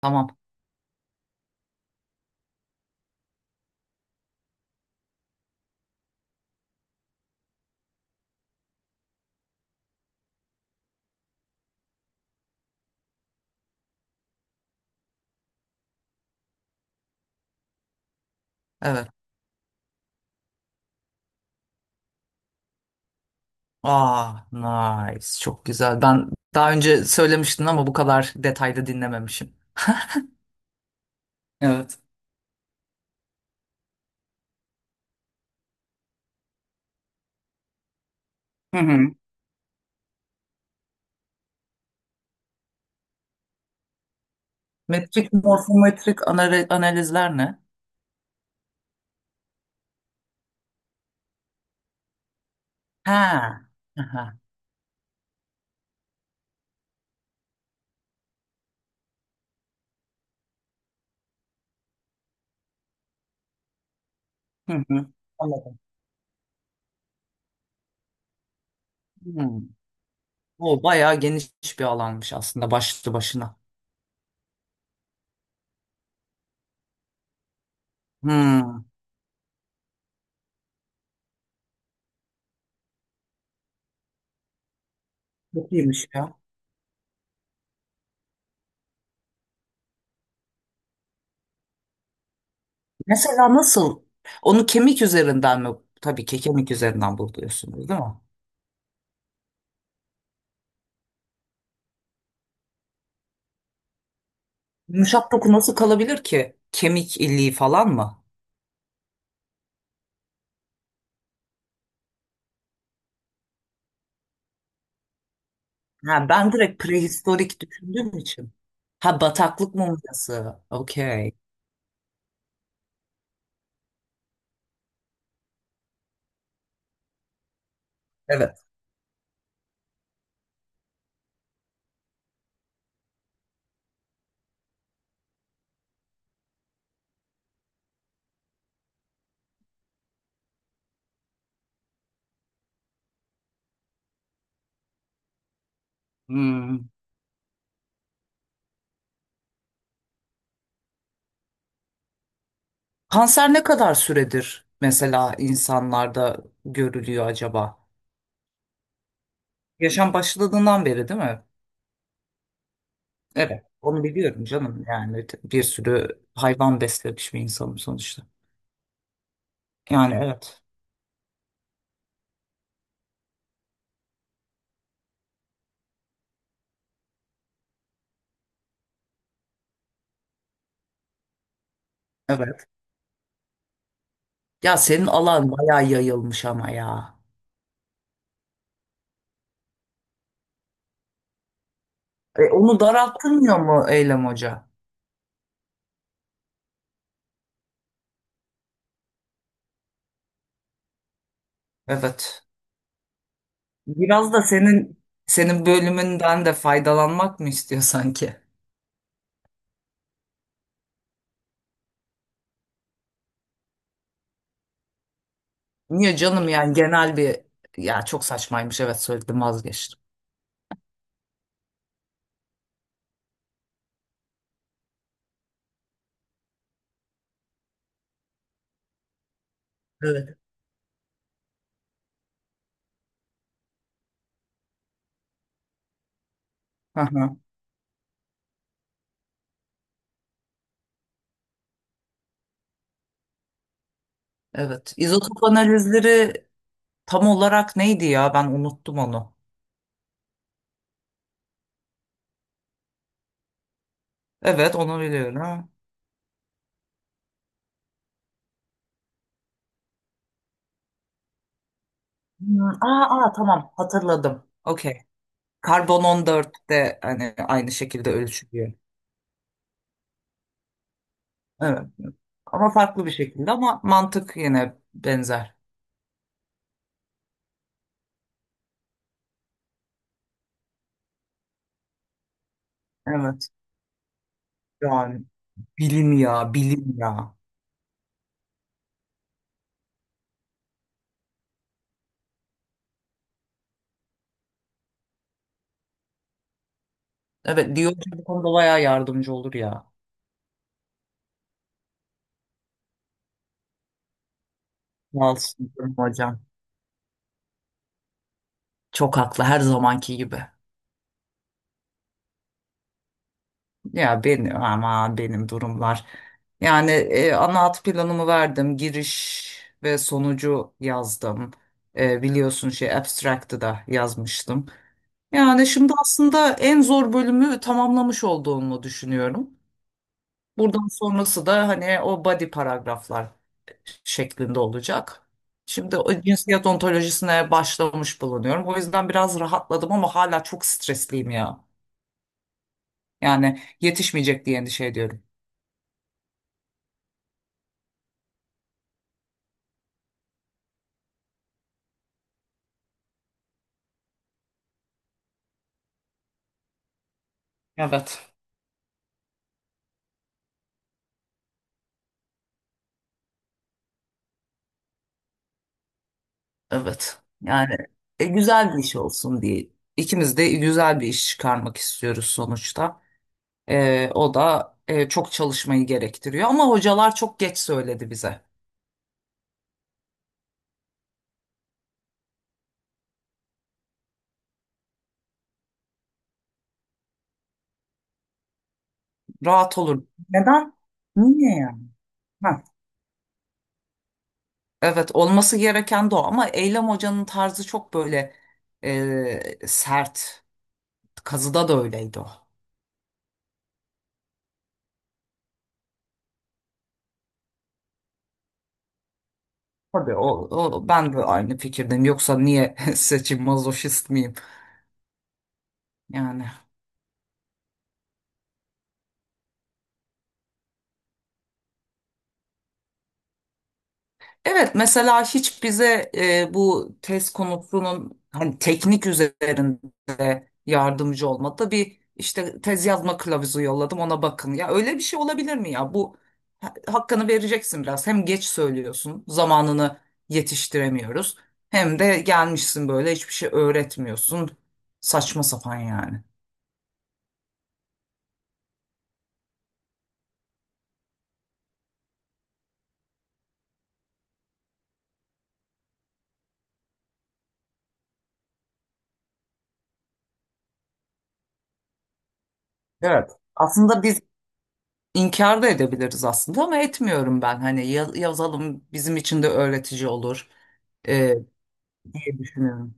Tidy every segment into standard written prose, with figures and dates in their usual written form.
Tamam. Evet. Aa, nice. Çok güzel. Ben daha önce söylemiştin ama bu kadar detayda dinlememişim. Evet. Hı hı. Metrik, morfometrik analizler ne? Ha. Aha. Hı hı. Anladım. Hı. O bayağı geniş bir alanmış aslında başlı başına. Hı. Çok iyiymiş ya. Mesela nasıl? Onu kemik üzerinden mi? Tabii ki kemik üzerinden buluyorsunuz, değil mi? Yumuşak doku nasıl kalabilir ki? Kemik iliği falan mı? Ha, ben direkt prehistorik düşündüğüm için. Ha, bataklık mumyası. Okey. Evet. Hmm. Kanser ne kadar süredir mesela insanlarda görülüyor acaba? Yaşam başladığından beri değil mi? Evet. Onu biliyorum canım. Yani bir sürü hayvan beslemiş bir insanım sonuçta. Yani evet. Evet. Ya, senin alan bayağı yayılmış ama ya. E, onu daraltılmıyor mu Eylem Hoca? Evet. Biraz da senin bölümünden de faydalanmak mı istiyor sanki? Niye canım, yani genel bir ya, çok saçmaymış, evet söyledim, vazgeçtim. Evet. Hı hı. Evet. İzotop analizleri tam olarak neydi ya? Ben unuttum onu. Evet, onu biliyorum. Ha. Hmm. Aa, aa, tamam hatırladım. Okey. Karbon 14'te hani aynı şekilde ölçülüyor. Evet. Ama farklı bir şekilde, ama mantık yine benzer. Evet. Yani bilim ya, bilim ya. Evet, diyor hocam, bu konuda bayağı yardımcı olur ya. Sağ olsun canım hocam. Çok haklı her zamanki gibi. Ya benim, ama benim durumlar. Yani ana hat planımı verdim. Giriş ve sonucu yazdım. Biliyorsun şey abstract'ı da yazmıştım. Yani şimdi aslında en zor bölümü tamamlamış olduğumu düşünüyorum. Buradan sonrası da hani o body paragraflar şeklinde olacak. Şimdi o cinsiyet ontolojisine başlamış bulunuyorum. O yüzden biraz rahatladım ama hala çok stresliyim ya. Yani yetişmeyecek diye endişe ediyorum. Evet. Evet. Yani, güzel bir iş olsun diye. İkimiz de güzel bir iş çıkarmak istiyoruz sonuçta. O da, çok çalışmayı gerektiriyor. Ama hocalar çok geç söyledi bize. Rahat olur. Neden? Niye yani? Ha, evet, olması gereken de o, ama Eylem Hoca'nın tarzı çok böyle, sert. Kazıda da öyleydi o. Tabii o, ben de aynı fikirdim. Yoksa niye seçim mazoşist miyim? Yani. Evet, mesela hiç bize, bu tez konusunun hani teknik üzerinde yardımcı olmadı. Bir işte tez yazma kılavuzu yolladım ona, bakın. Ya öyle bir şey olabilir mi ya? Bu hakkını vereceksin biraz. Hem geç söylüyorsun, zamanını yetiştiremiyoruz. Hem de gelmişsin böyle hiçbir şey öğretmiyorsun. Saçma sapan yani. Evet. Aslında biz İnkar da edebiliriz aslında, ama etmiyorum ben. Hani yazalım, bizim için de öğretici olur, e, diye düşünüyorum.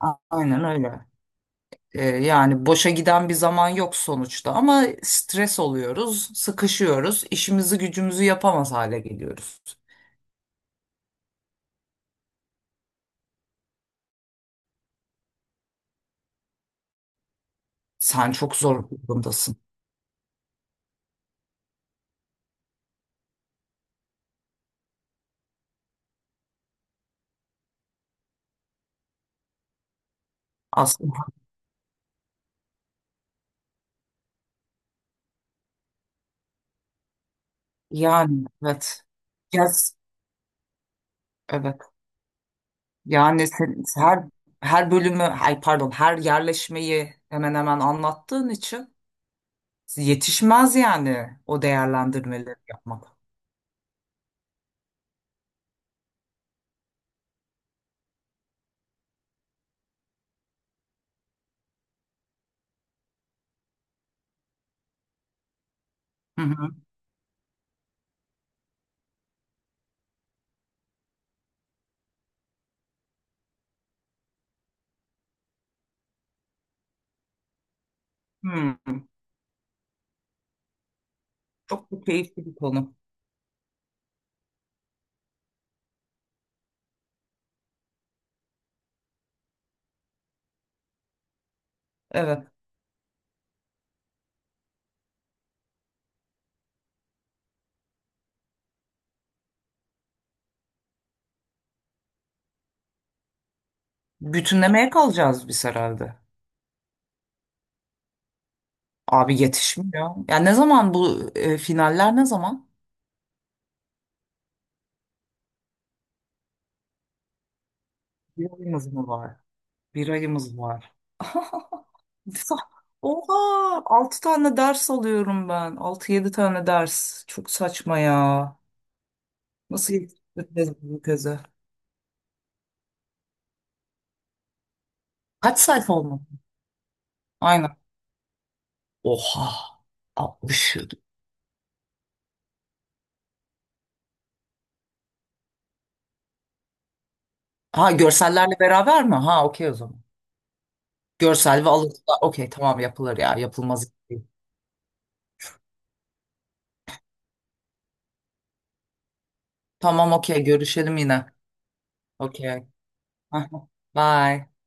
Aynen öyle. Yani boşa giden bir zaman yok sonuçta, ama stres oluyoruz, sıkışıyoruz, işimizi gücümüzü yapamaz hale geliyoruz. Sen çok zor bir durumdasın aslında. Yani evet. Yes, evet. Yani sen, her bölümü, ay pardon, her yerleşmeyi hemen hemen anlattığın için. Yetişmez yani o değerlendirmeleri yapmak. Hı hı. Hı. Çok da keyifli bir konu. Evet. Bütünlemeye kalacağız biz herhalde. Abi yetişmiyor. Ya ne zaman bu, finaller ne zaman? Bir ayımız mı var? Bir ayımız var. Oha! Altı tane ders alıyorum ben. Altı yedi tane ders. Çok saçma ya. Nasıl yetiştireceğiz bu teze? Kaç sayfa olmalı? Aynen. Oha! 60. Ha, görsellerle beraber mi? Ha okey, o zaman. Görsel ve alıntılar da okey, tamam, yapılır ya, yapılmaz değil. Tamam okey, görüşelim yine. Okey. Bye.